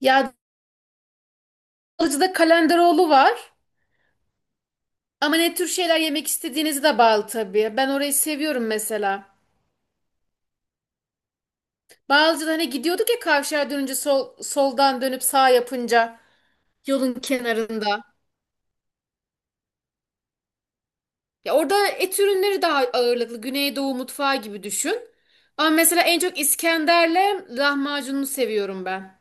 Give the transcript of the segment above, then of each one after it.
Ya Balıcı'da Kalenderoğlu var. Ama ne tür şeyler yemek istediğinizi de bağlı tabii. Ben orayı seviyorum mesela. Bağlıcı'da hani gidiyorduk ya kavşağa dönünce sol, soldan dönüp sağ yapınca yolun kenarında. Ya orada et ürünleri daha ağırlıklı. Güneydoğu mutfağı gibi düşün. Ama mesela en çok İskender'le lahmacununu seviyorum ben.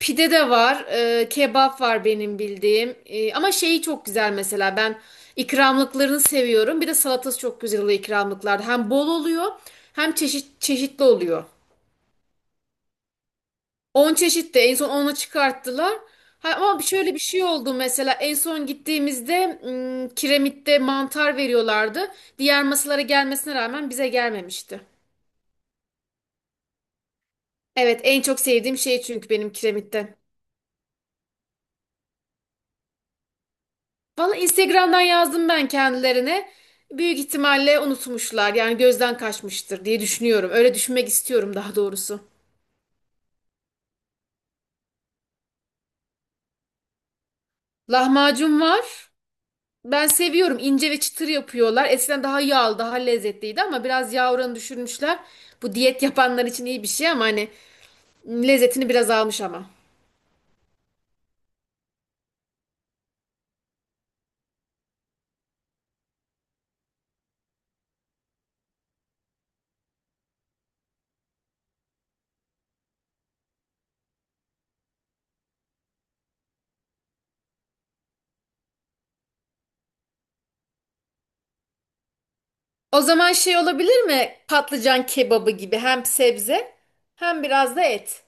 Pide de var, kebap var benim bildiğim. Ama şeyi çok güzel mesela ben ikramlıklarını seviyorum. Bir de salatası çok güzel oluyor ikramlıklarda. Hem bol oluyor hem çeşit çeşitli oluyor. 10 çeşit de en son onu çıkarttılar. Ha, ama şöyle bir şey oldu mesela en son gittiğimizde kiremitte mantar veriyorlardı. Diğer masalara gelmesine rağmen bize gelmemişti. Evet en çok sevdiğim şey çünkü benim kiremitten. Valla Instagram'dan yazdım ben kendilerine. Büyük ihtimalle unutmuşlar. Yani gözden kaçmıştır diye düşünüyorum. Öyle düşünmek istiyorum daha doğrusu. Lahmacun var. Ben seviyorum. İnce ve çıtır yapıyorlar. Eskiden daha yağlı, daha lezzetliydi ama biraz yağ oranı düşürmüşler. Bu diyet yapanlar için iyi bir şey ama hani lezzetini biraz almış ama. O zaman şey olabilir mi? Patlıcan kebabı gibi hem sebze hem biraz da et.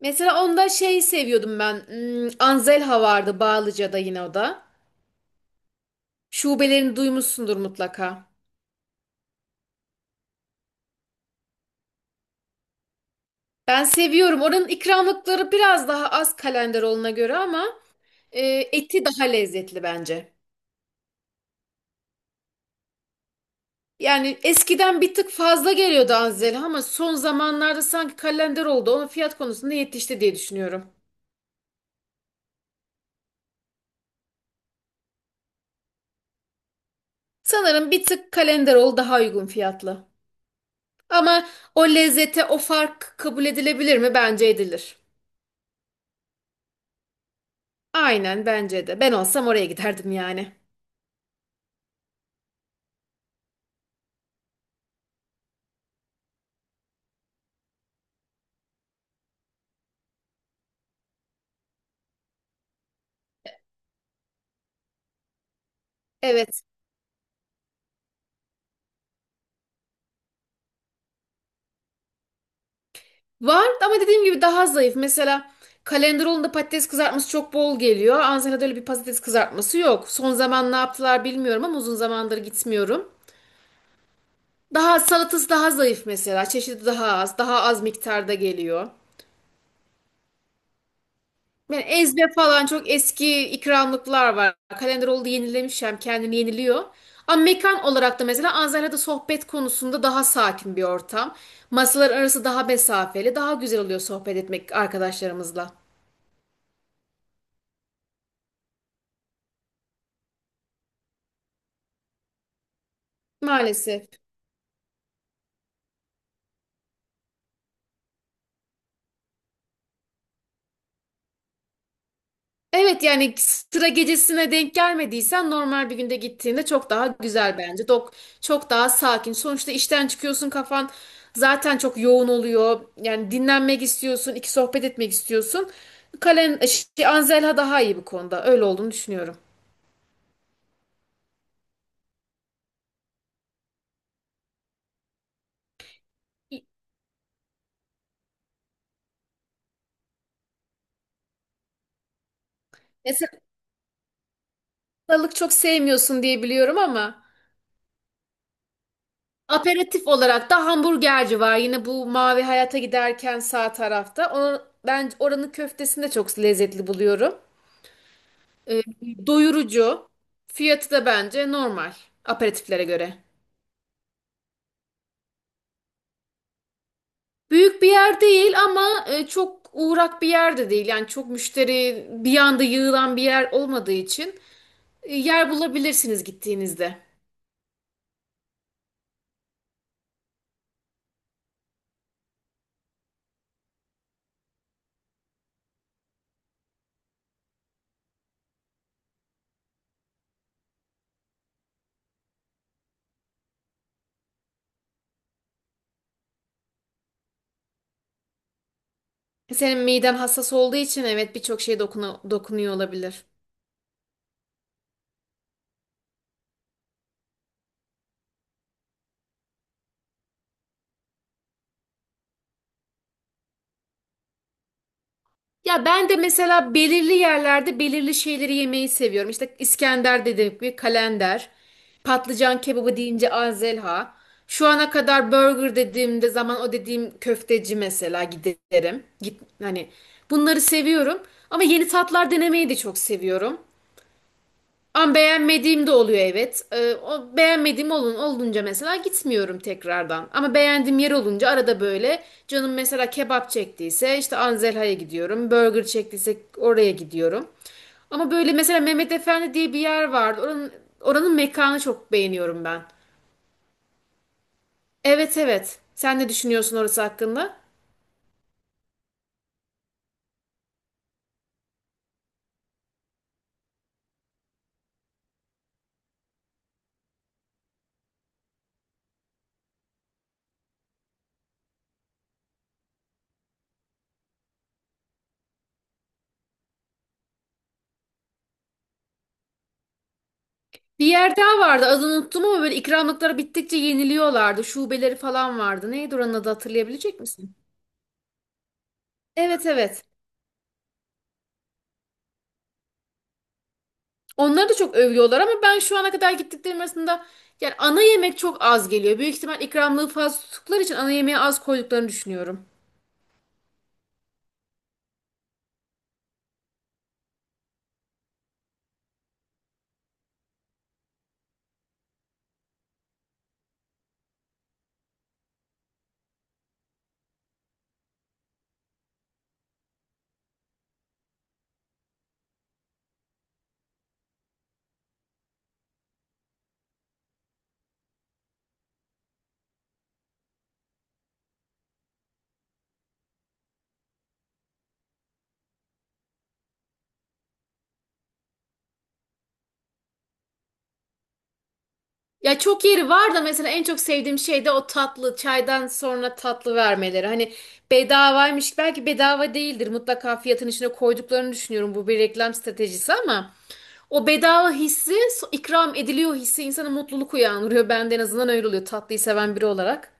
Mesela onda şeyi seviyordum ben. Hmm, Anzelha vardı Bağlıca'da yine o da. Şubelerini duymuşsundur mutlaka. Ben seviyorum. Oranın ikramlıkları biraz daha az Kalenderoğlu'na göre ama e, eti daha lezzetli bence. Yani eskiden bir tık fazla geliyordu Anzel'e ama son zamanlarda sanki Kalenderoğlu da onun fiyat konusunda yetişti diye düşünüyorum. Sanırım bir tık Kalenderoğlu daha uygun fiyatlı. Ama o lezzete o fark kabul edilebilir mi? Bence edilir. Aynen bence de. Ben olsam oraya giderdim yani. Evet. Var ama dediğim gibi daha zayıf. Mesela Kalenderoğlu'nda patates kızartması çok bol geliyor. Ansela'da öyle bir patates kızartması yok. Son zaman ne yaptılar bilmiyorum ama uzun zamandır gitmiyorum. Daha salatası daha zayıf mesela. Çeşidi daha az. Daha az miktarda geliyor. Yani ezbe falan çok eski ikramlıklar var. Kalenderoğlu da yenilemiş hem kendini yeniliyor. Ama mekan olarak da mesela Ansela'da sohbet konusunda daha sakin bir ortam. Masalar arası daha mesafeli. Daha güzel oluyor sohbet etmek arkadaşlarımızla. Maalesef. Evet yani sıra gecesine denk gelmediysen normal bir günde gittiğinde çok daha güzel bence. Çok daha sakin. Sonuçta işten çıkıyorsun kafan zaten çok yoğun oluyor. Yani dinlenmek istiyorsun, iki sohbet etmek istiyorsun. Anzelha daha iyi bu konuda. Öyle olduğunu düşünüyorum. Mesela balık çok sevmiyorsun diye biliyorum ama aperatif olarak da hamburgerci var. Yine bu Mavi Hayat'a giderken sağ tarafta. Onu, ben oranın köftesini de çok lezzetli buluyorum. E, doyurucu. Fiyatı da bence normal aperatiflere göre. Büyük bir yer değil ama çok uğrak bir yer de değil. Yani çok müşteri bir anda yığılan bir yer olmadığı için yer bulabilirsiniz gittiğinizde. Senin miden hassas olduğu için evet birçok şeye dokunuyor olabilir. Ya ben de mesela belirli yerlerde belirli şeyleri yemeyi seviyorum. İşte İskender dediğim gibi kalender, patlıcan kebabı deyince Azelha. Şu ana kadar burger dediğimde zaman o dediğim köfteci mesela giderim. Hani bunları seviyorum. Ama yeni tatlar denemeyi de çok seviyorum. Ama beğenmediğim de oluyor evet. O beğenmediğim olunca mesela gitmiyorum tekrardan. Ama beğendiğim yer olunca arada böyle canım mesela kebap çektiyse işte Anzelha'ya gidiyorum. Burger çektiyse oraya gidiyorum. Ama böyle mesela Mehmet Efendi diye bir yer vardı. Oranın mekanı çok beğeniyorum ben. Evet evet. Sen ne düşünüyorsun orası hakkında? Bir yer daha vardı adını unuttum ama böyle ikramlıkları bittikçe yeniliyorlardı. Şubeleri falan vardı. Neydi oranın adı hatırlayabilecek misin? Evet evet. Onları da çok övüyorlar ama ben şu ana kadar gittiklerim arasında yani ana yemek çok az geliyor. Büyük ihtimal ikramlığı fazla tuttukları için ana yemeğe az koyduklarını düşünüyorum. Ya çok yeri var da mesela en çok sevdiğim şey de o tatlı çaydan sonra tatlı vermeleri. Hani bedavaymış belki bedava değildir mutlaka fiyatın içine koyduklarını düşünüyorum bu bir reklam stratejisi ama o bedava hissi ikram ediliyor hissi insana mutluluk uyandırıyor. Ben en azından öyle oluyor tatlıyı seven biri olarak.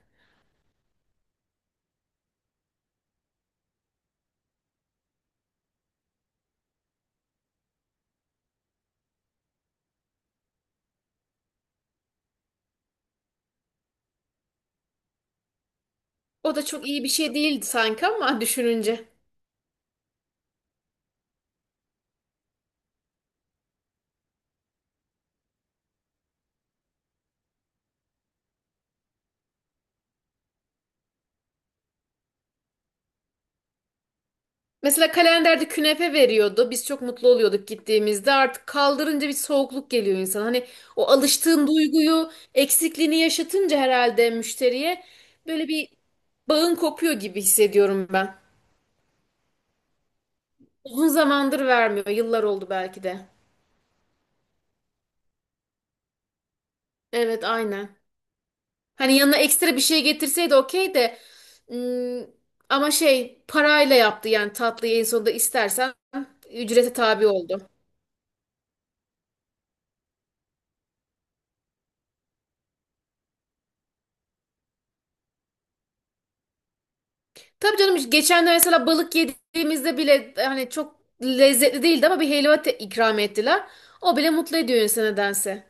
O da çok iyi bir şey değildi sanki ama düşününce. Mesela kalenderde künefe veriyordu. Biz çok mutlu oluyorduk gittiğimizde. Artık kaldırınca bir soğukluk geliyor insan. Hani o alıştığın duyguyu, eksikliğini yaşatınca herhalde müşteriye böyle bir bağın kopuyor gibi hissediyorum ben. Uzun zamandır vermiyor. Yıllar oldu belki de. Evet, aynen. Hani yanına ekstra bir şey getirseydi okey de ım, ama şey parayla yaptı yani tatlıyı en sonunda istersen ücrete tabi oldu. Tabii canım geçenler mesela balık yediğimizde bile hani çok lezzetli değildi ama bir helva ikram ettiler. O bile mutlu ediyor insanı nedense.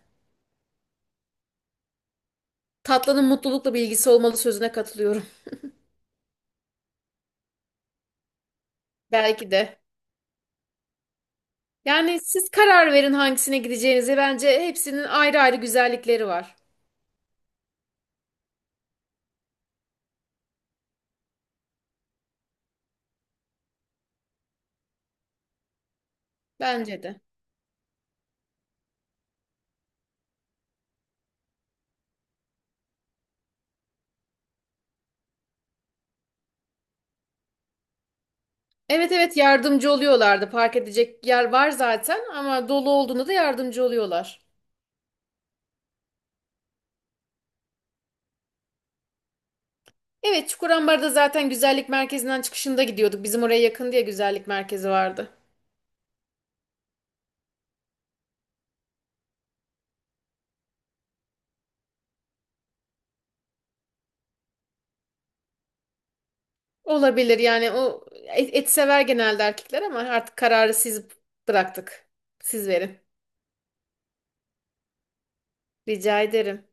Tatlının mutlulukla bir ilgisi olmalı sözüne katılıyorum. Belki de. Yani siz karar verin hangisine gideceğinize. Bence hepsinin ayrı ayrı güzellikleri var. Bence de. Evet evet yardımcı oluyorlardı. Park edecek yer var zaten ama dolu olduğunda da yardımcı oluyorlar. Evet Çukurambar'da zaten güzellik merkezinden çıkışında gidiyorduk. Bizim oraya yakın diye güzellik merkezi vardı. Olabilir yani o et, et sever genelde erkekler ama artık kararı siz bıraktık. Siz verin. Rica ederim.